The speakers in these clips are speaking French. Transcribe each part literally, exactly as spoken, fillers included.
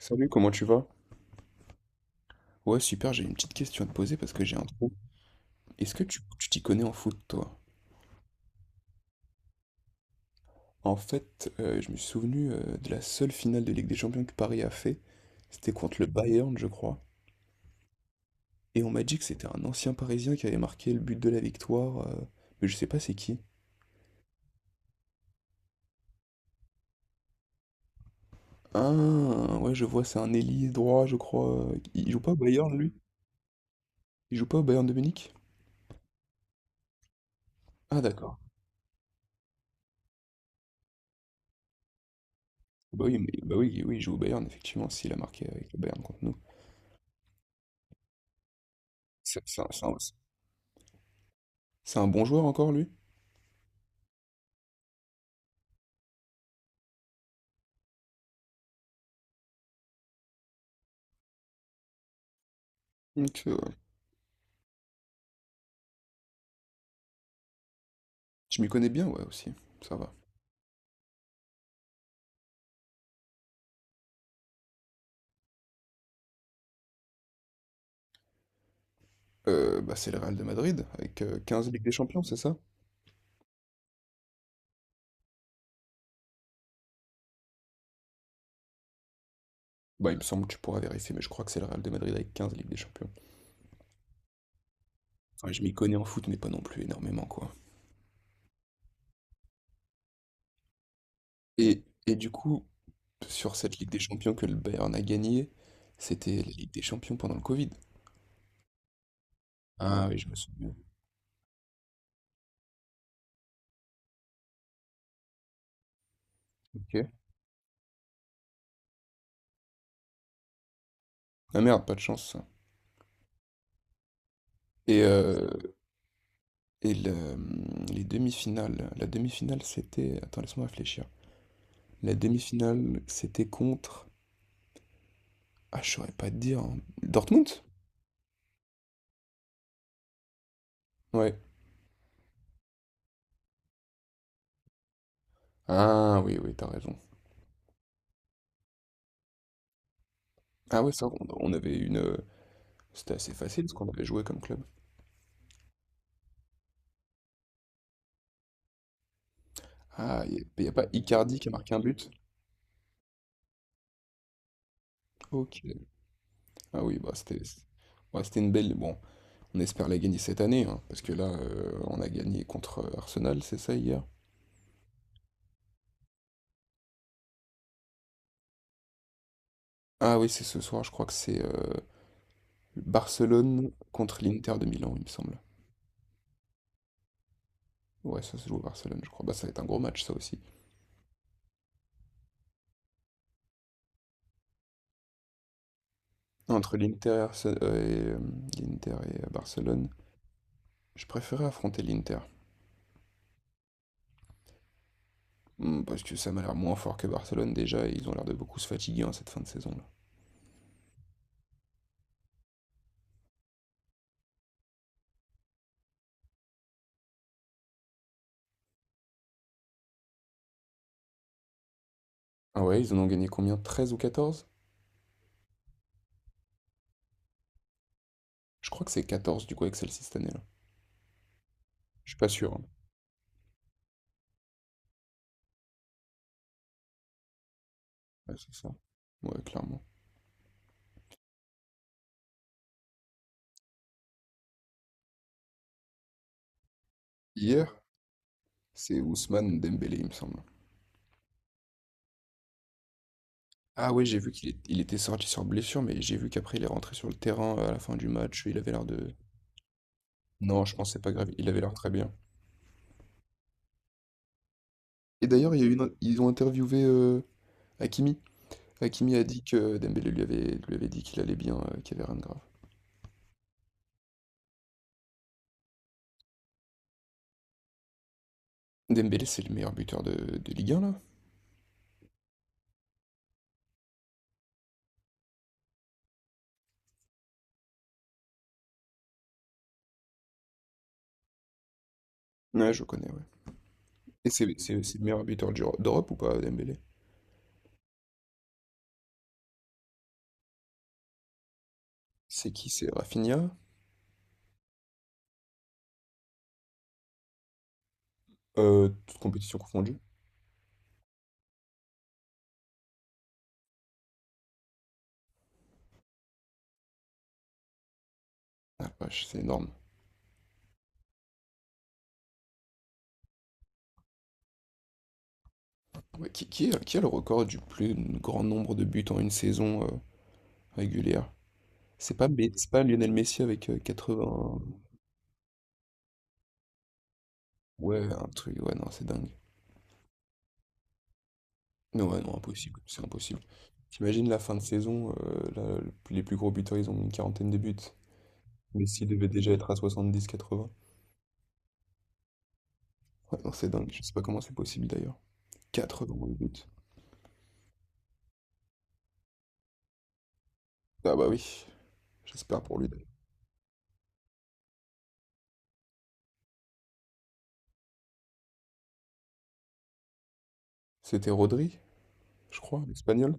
Salut, comment tu vas? Ouais, super, j'ai une petite question à te poser parce que j'ai un trou. Est-ce que tu tu t'y connais en foot, toi? En fait, euh, je me suis souvenu euh, de la seule finale de Ligue des Champions que Paris a fait. C'était contre le Bayern, je crois. Et on m'a dit que c'était un ancien Parisien qui avait marqué le but de la victoire. euh, mais je sais pas c'est qui. Ah, ouais, je vois, c'est un ailier droit, je crois. Il joue pas au Bayern, lui? Il joue pas au Bayern de Munich? Ah, d'accord. Bah oui, mais- bah oui, oui, il joue au Bayern, effectivement, s'il a marqué avec le Bayern contre nous. C'est c'est un, c'est un c'est un bon joueur encore, lui? Ok, ouais. Je m'y connais bien, ouais, aussi. Ça va. Euh, bah, c'est le Real de Madrid avec euh, quinze Ligues des Champions, c'est ça? Bah, il me semble que tu pourras vérifier, mais je crois que c'est le Real de Madrid avec quinze Ligues des Champions. Enfin, je m'y connais en foot, mais pas non plus énormément, quoi. Et, et du coup, sur cette Ligue des Champions que le Bayern a gagnée, c'était la Ligue des Champions pendant le Covid. Ah oui, je me souviens. Ok. Ah merde, pas de chance, ça. Et, euh, et le- les demi-finales. La demi-finale, c'était. Attends, laisse-moi réfléchir. La demi-finale, c'était contre. Ah, je saurais pas te dire. Dortmund? Ouais. Ah oui, oui, t'as raison. Ah ouais, ça, on, on avait une. euh, C'était assez facile ce qu'on avait joué comme club. Ah, il n'y a, y a pas Icardi qui a marqué un but? Ok. Ah oui, bah c'était. Ouais, c'était une belle. Bon, on espère la gagner cette année, hein, parce que là, euh, on a gagné contre euh, Arsenal, c'est ça hier? Ah oui, c'est ce soir, je crois que c'est euh, Barcelone contre l'Inter de Milan, il me semble. Ouais, ça se joue à Barcelone, je crois. Bah, ça va être un gros match, ça aussi. Entre l'Inter et, Arse- euh, et, euh, l'Inter et euh, Barcelone. Je préférais affronter l'Inter. Hmm, Parce que ça m'a l'air moins fort que Barcelone déjà et ils ont l'air de beaucoup se fatiguer en cette fin de saison-là. Ah ouais, ils en ont gagné combien? Treize ou quatorze. Je crois que c'est quatorze du coup avec celle-ci cette année-là. Je suis pas sûr, hein. Ouais, c'est ça. Ouais, clairement. Hier, c'est Ousmane Dembélé, il me semble. Ah ouais, j'ai vu qu'il est- il était sorti sur blessure, mais j'ai vu qu'après il est rentré sur le terrain euh, à la fin du match. Il avait l'air de. Non, je pense que c'est pas grave. Il avait l'air très bien. Et d'ailleurs, il y a eu une- ils ont interviewé euh, Hakimi. Hakimi a dit que Dembélé lui avait, lui avait dit qu'il allait bien, euh, qu'il y avait rien de grave. Dembélé, c'est le meilleur buteur de, de Ligue un, là? Ouais, je connais, ouais. Et c'est c'est- c'est le meilleur buteur d'Euro- d'Europe ou pas, Dembélé? C'est qui? C'est Rafinha? Euh, toutes compétitions confondues? Ah, la vache, c'est énorme. Ouais, qui, qui a, qui a le record du plus grand nombre de buts en une saison euh, régulière? C'est pas, Me- c'est pas Lionel Messi avec euh, quatre-vingts? Ouais, un truc, ouais, non, c'est dingue. Non, ouais, non, impossible, c'est impossible. T'imagines la fin de saison, euh, là, le- les plus gros buteurs, ils ont une quarantaine de buts. Messi devait déjà être à soixante-dix à quatre-vingts. Ouais, non, c'est dingue. Je sais pas comment c'est possible d'ailleurs. Quatre dans le but. Ah bah oui, j'espère pour lui d'ailleurs. C'était Rodri, je crois, l'espagnol.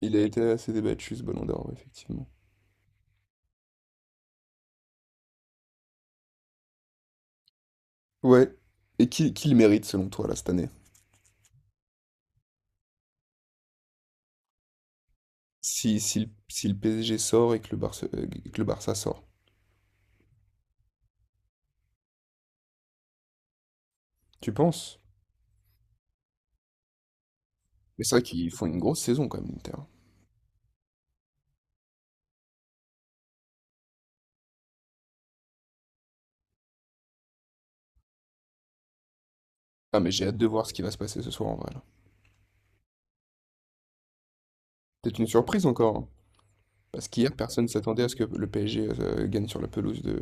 Il a été assez débattu ce Ballon d'Or, ouais, effectivement. Ouais. Et qui, qui le mérite selon toi là cette année? Si, si, le- si le P S G sort et que le Barça, euh, que le Barça sort. Tu penses? Mais c'est vrai qu'ils font une grosse saison quand même, l'Inter. Ah mais j'ai hâte de voir ce qui va se passer ce soir en vrai là. Peut-être une surprise encore, hein. Parce qu'hier, personne s'attendait à ce que le P S G euh, gagne sur la pelouse de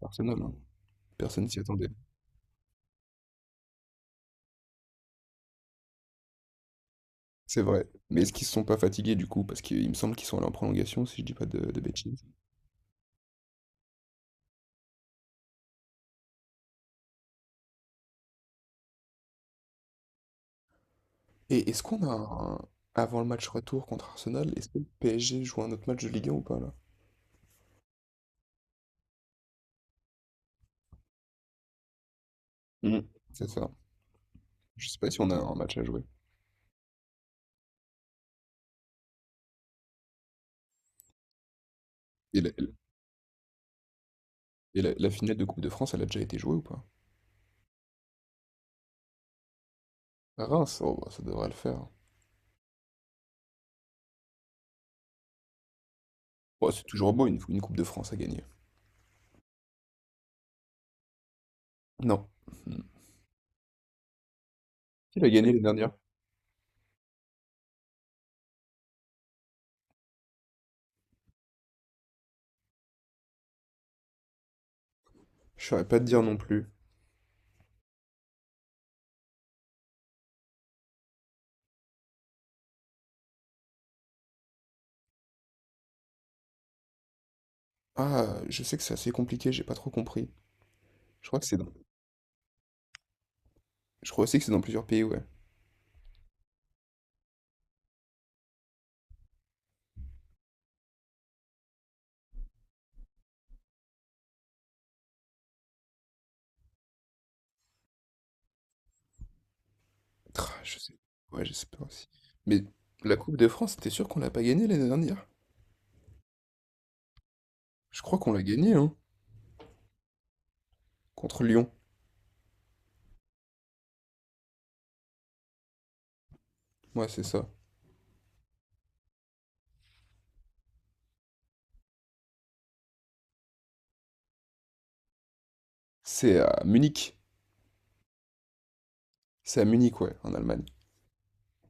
Barcelone, hein. Personne s'y attendait. C'est vrai. Mais est-ce qu'ils se sont pas fatigués du coup? Parce qu'il me semble qu'ils sont allés en prolongation, si je dis pas de, de bêtises. Et est-ce qu'on a un- avant le match retour contre Arsenal, est-ce que le P S G joue un autre match de Ligue un ou pas là? Mhm. C'est ça. Je sais pas si on a un match à jouer. Et la, et la- la finale de Coupe de France, elle a déjà été jouée ou pas? À Reims, oh, bah, ça devrait le faire. Bon, c'est toujours beau une, une Coupe de France à gagner. Non. Hmm. Qui l'a gagné les dernières? Je saurais pas te dire non plus. Ah, je sais que c'est assez compliqué, j'ai pas trop compris. Je crois que c'est dans. Je crois aussi que c'est dans plusieurs pays, ouais. Tra, je sais. Ouais, j'espère aussi. Mais la Coupe de France, t'es sûr qu'on l'a pas gagnée l'année dernière? Je crois qu'on l'a gagnée, hein? Contre Lyon. Ouais, c'est ça. C'est à Munich. C'est à Munich, ouais, en Allemagne.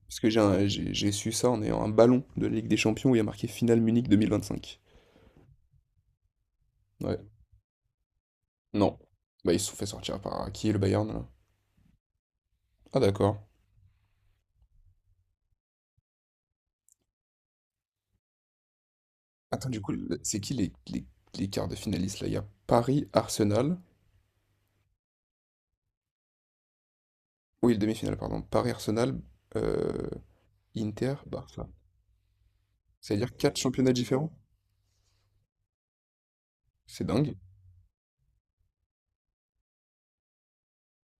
Parce que j'ai un- j'ai j'ai su ça en ayant un ballon de la Ligue des Champions où il y a marqué Finale Munich deux mille vingt-cinq. Ouais. Non. Bah, ils se sont fait sortir par euh, qui, le Bayern, là? Ah, d'accord. Attends, du coup, le- c'est qui les, les, les quarts de finalistes, là? Il y a Paris-Arsenal. Oui, le demi-finale, pardon. Paris-Arsenal, euh, Inter, Barça. C'est-à-dire quatre championnats différents? C'est dingue.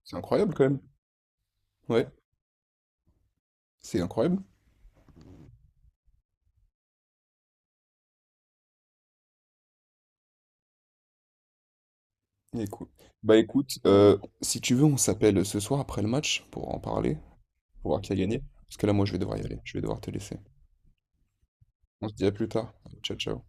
C'est incroyable quand même. Ouais, c'est incroyable. Écoute. Bah écoute, euh, si tu veux, on s'appelle ce soir après le match pour en parler, pour voir qui a gagné. Parce que là, moi, je vais devoir y aller. Je vais devoir te laisser. On se dit à plus tard. Ciao, ciao.